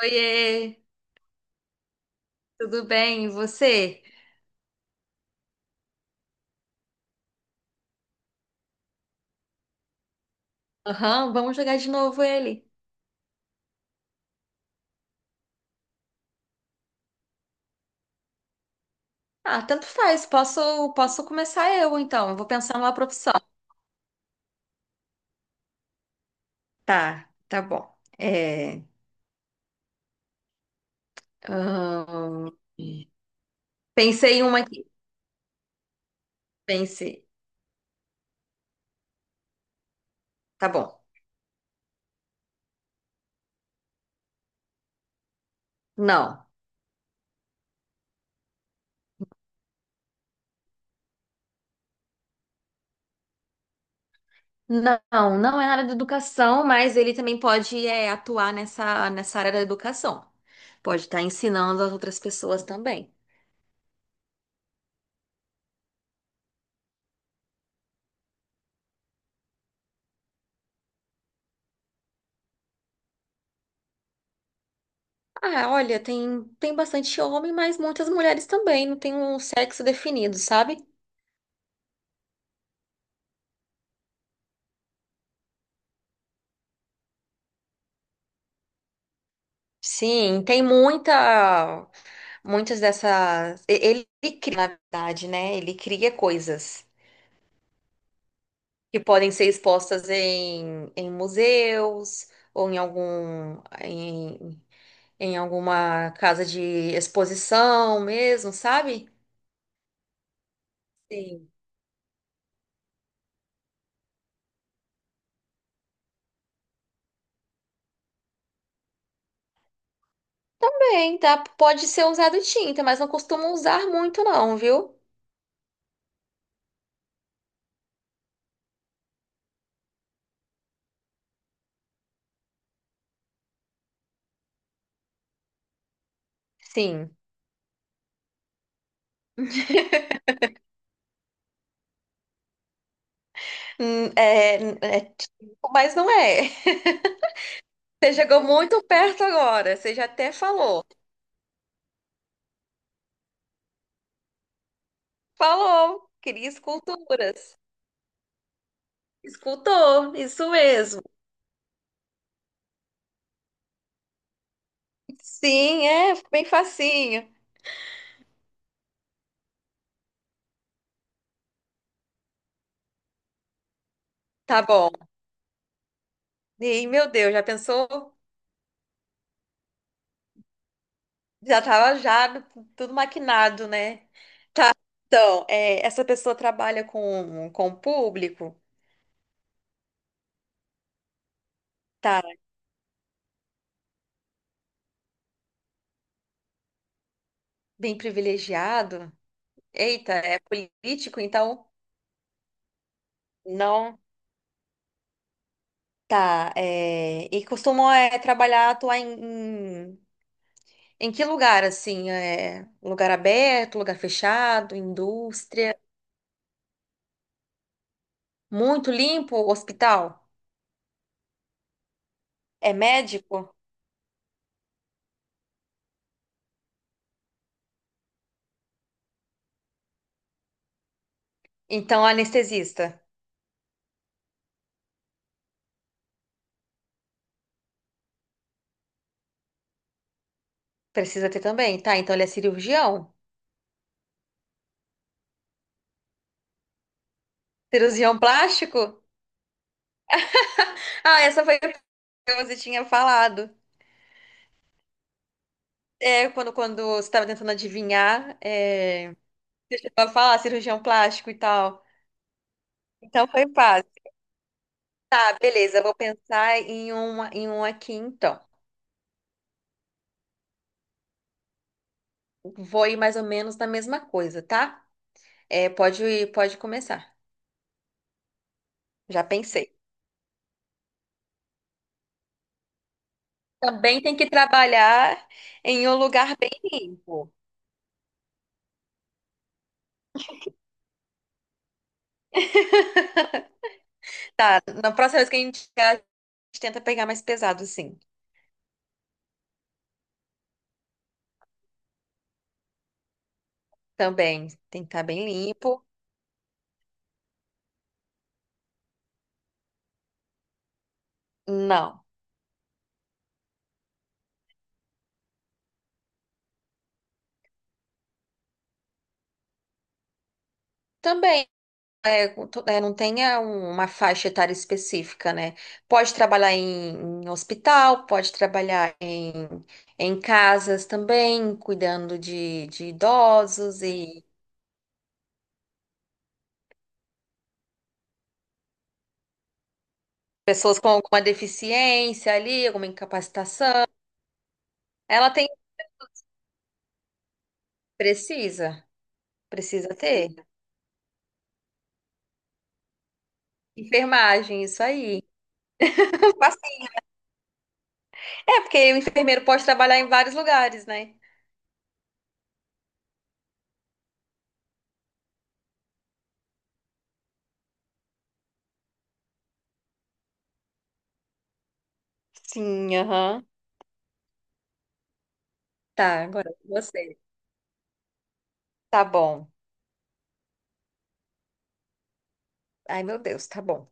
Oiê, tudo bem? E você? Aham, vamos jogar de novo ele. Ah, tanto faz. Posso começar eu, então. Eu vou pensar numa profissão. Tá, tá bom. Ahn, pensei em uma aqui. Pensei. Tá bom. Não. Não, não é na área da educação, mas ele também pode atuar nessa, nessa área da educação. Pode estar ensinando as outras pessoas também. Ah, olha, tem bastante homem, mas muitas mulheres também, não tem um sexo definido, sabe? Sim, muitas dessas. Ele cria, na verdade, né? Ele cria coisas que podem ser expostas em, em museus ou em em, em alguma casa de exposição mesmo, sabe? Sim. Bem, tá? Pode ser usado tinta, mas não costumo usar muito, não, viu? Sim. É, é tipo, mas não é. Você chegou muito perto agora. Você já até falou. Falou, queria esculturas. Escultor, isso mesmo. Sim, é bem facinho. Tá bom. E meu Deus, já pensou? Já tava já tudo maquinado, né? Então, é, essa pessoa trabalha com o público, tá bem privilegiado. Eita, é político, então não. Tá, é, e costumam trabalhar, atuar em que lugar, assim? É, lugar aberto, lugar fechado, indústria? Muito limpo, hospital? É médico? Então, anestesista. Precisa ter também, tá? Então, ele é cirurgião? Cirurgião plástico? Ah, essa foi a que você tinha falado. É, quando você estava tentando adivinhar, é, você chegou a falar cirurgião plástico e tal. Então, foi fácil. Ah, beleza, eu vou pensar em um aqui, então. Vou ir mais ou menos na mesma coisa, tá? É, pode ir, pode começar. Já pensei. Também tem que trabalhar em um lugar bem limpo. Tá, na próxima vez que a gente chegar, a gente tenta pegar mais pesado, sim. Também tem que estar bem limpo. Não. Também é, não tenha uma faixa etária específica, né? Pode trabalhar em hospital, pode trabalhar em casas também, cuidando de idosos. Pessoas com alguma deficiência ali, alguma incapacitação. Ela tem. Precisa. Precisa ter. Enfermagem, isso aí. Passe- É, porque o enfermeiro pode trabalhar em vários lugares, né? Sim, aham. Tá, agora você. Tá bom. Ai, meu Deus, tá bom.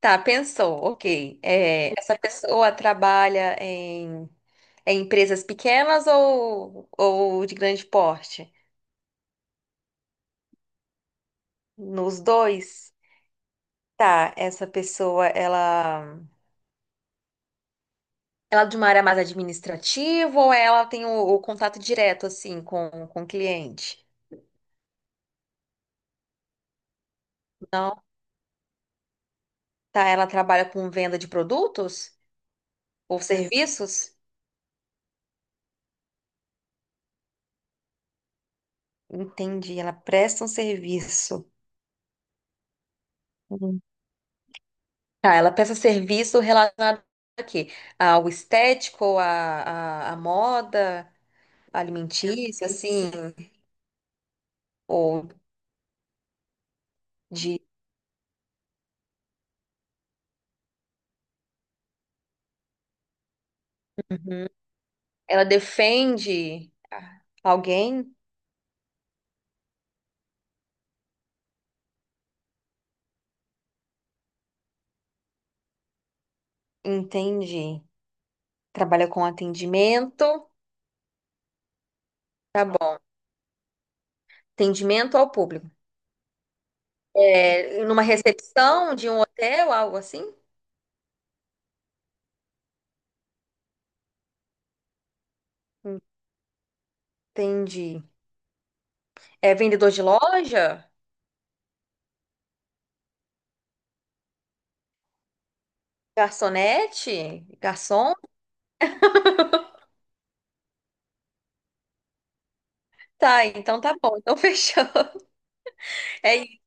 Tá, pensou, ok. É, essa pessoa trabalha em empresas pequenas ou de grande porte? Nos dois? Tá, essa pessoa, ela. Ela é de uma área mais administrativa ou ela tem o contato direto, assim, com o cliente? Não? Tá, ela trabalha com venda de produtos ou serviços? Entendi, ela presta um serviço. Uhum. Tá, ela presta serviço relacionado a quê? Ao à moda, alimentícia, assim, ou de... Ela defende alguém? Entendi. Trabalha com atendimento. Tá bom. Atendimento ao público. É, numa recepção de um hotel, algo assim? Entendi. É vendedor de loja? Garçonete? Garçom? Tá, então tá bom. Então fechou. É, isso.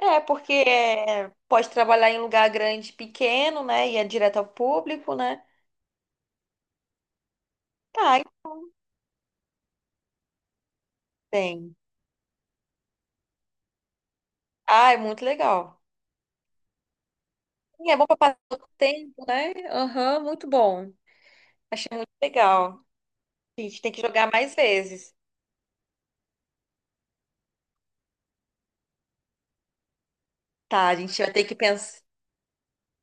É porque é, pode trabalhar em lugar grande, pequeno, né? E é direto ao público, né? Tá, então tem. Ah, é muito legal. E é bom para passar o tempo, né? Aham, muito bom. Achei muito legal. A gente tem que jogar mais vezes. Tá, a gente vai ter que pensar.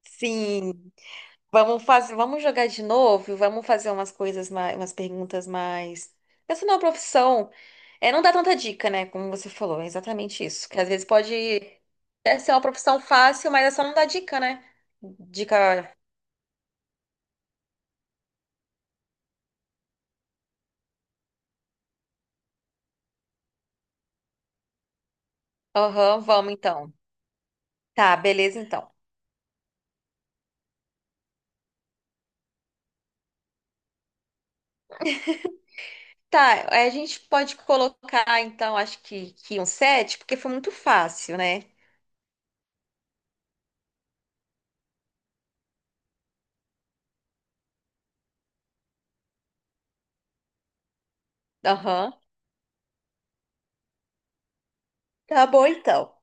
Sim. Vamos fazer, vamos jogar de novo, vamos fazer umas coisas mais, umas perguntas mais. Essa não é uma profissão. É, não dá tanta dica, né? Como você falou, é exatamente isso. Que às vezes pode ser uma profissão fácil, mas é só não dar dica, né? Dica. Aham, vamos então. Tá, beleza então. Tá, a gente pode colocar então, acho que um 7, porque foi muito fácil, né? Aham. Tá bom então.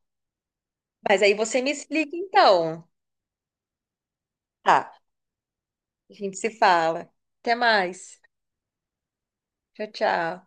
Mas aí você me explica então. Tá, a gente se fala. Até mais. Tchau, tchau.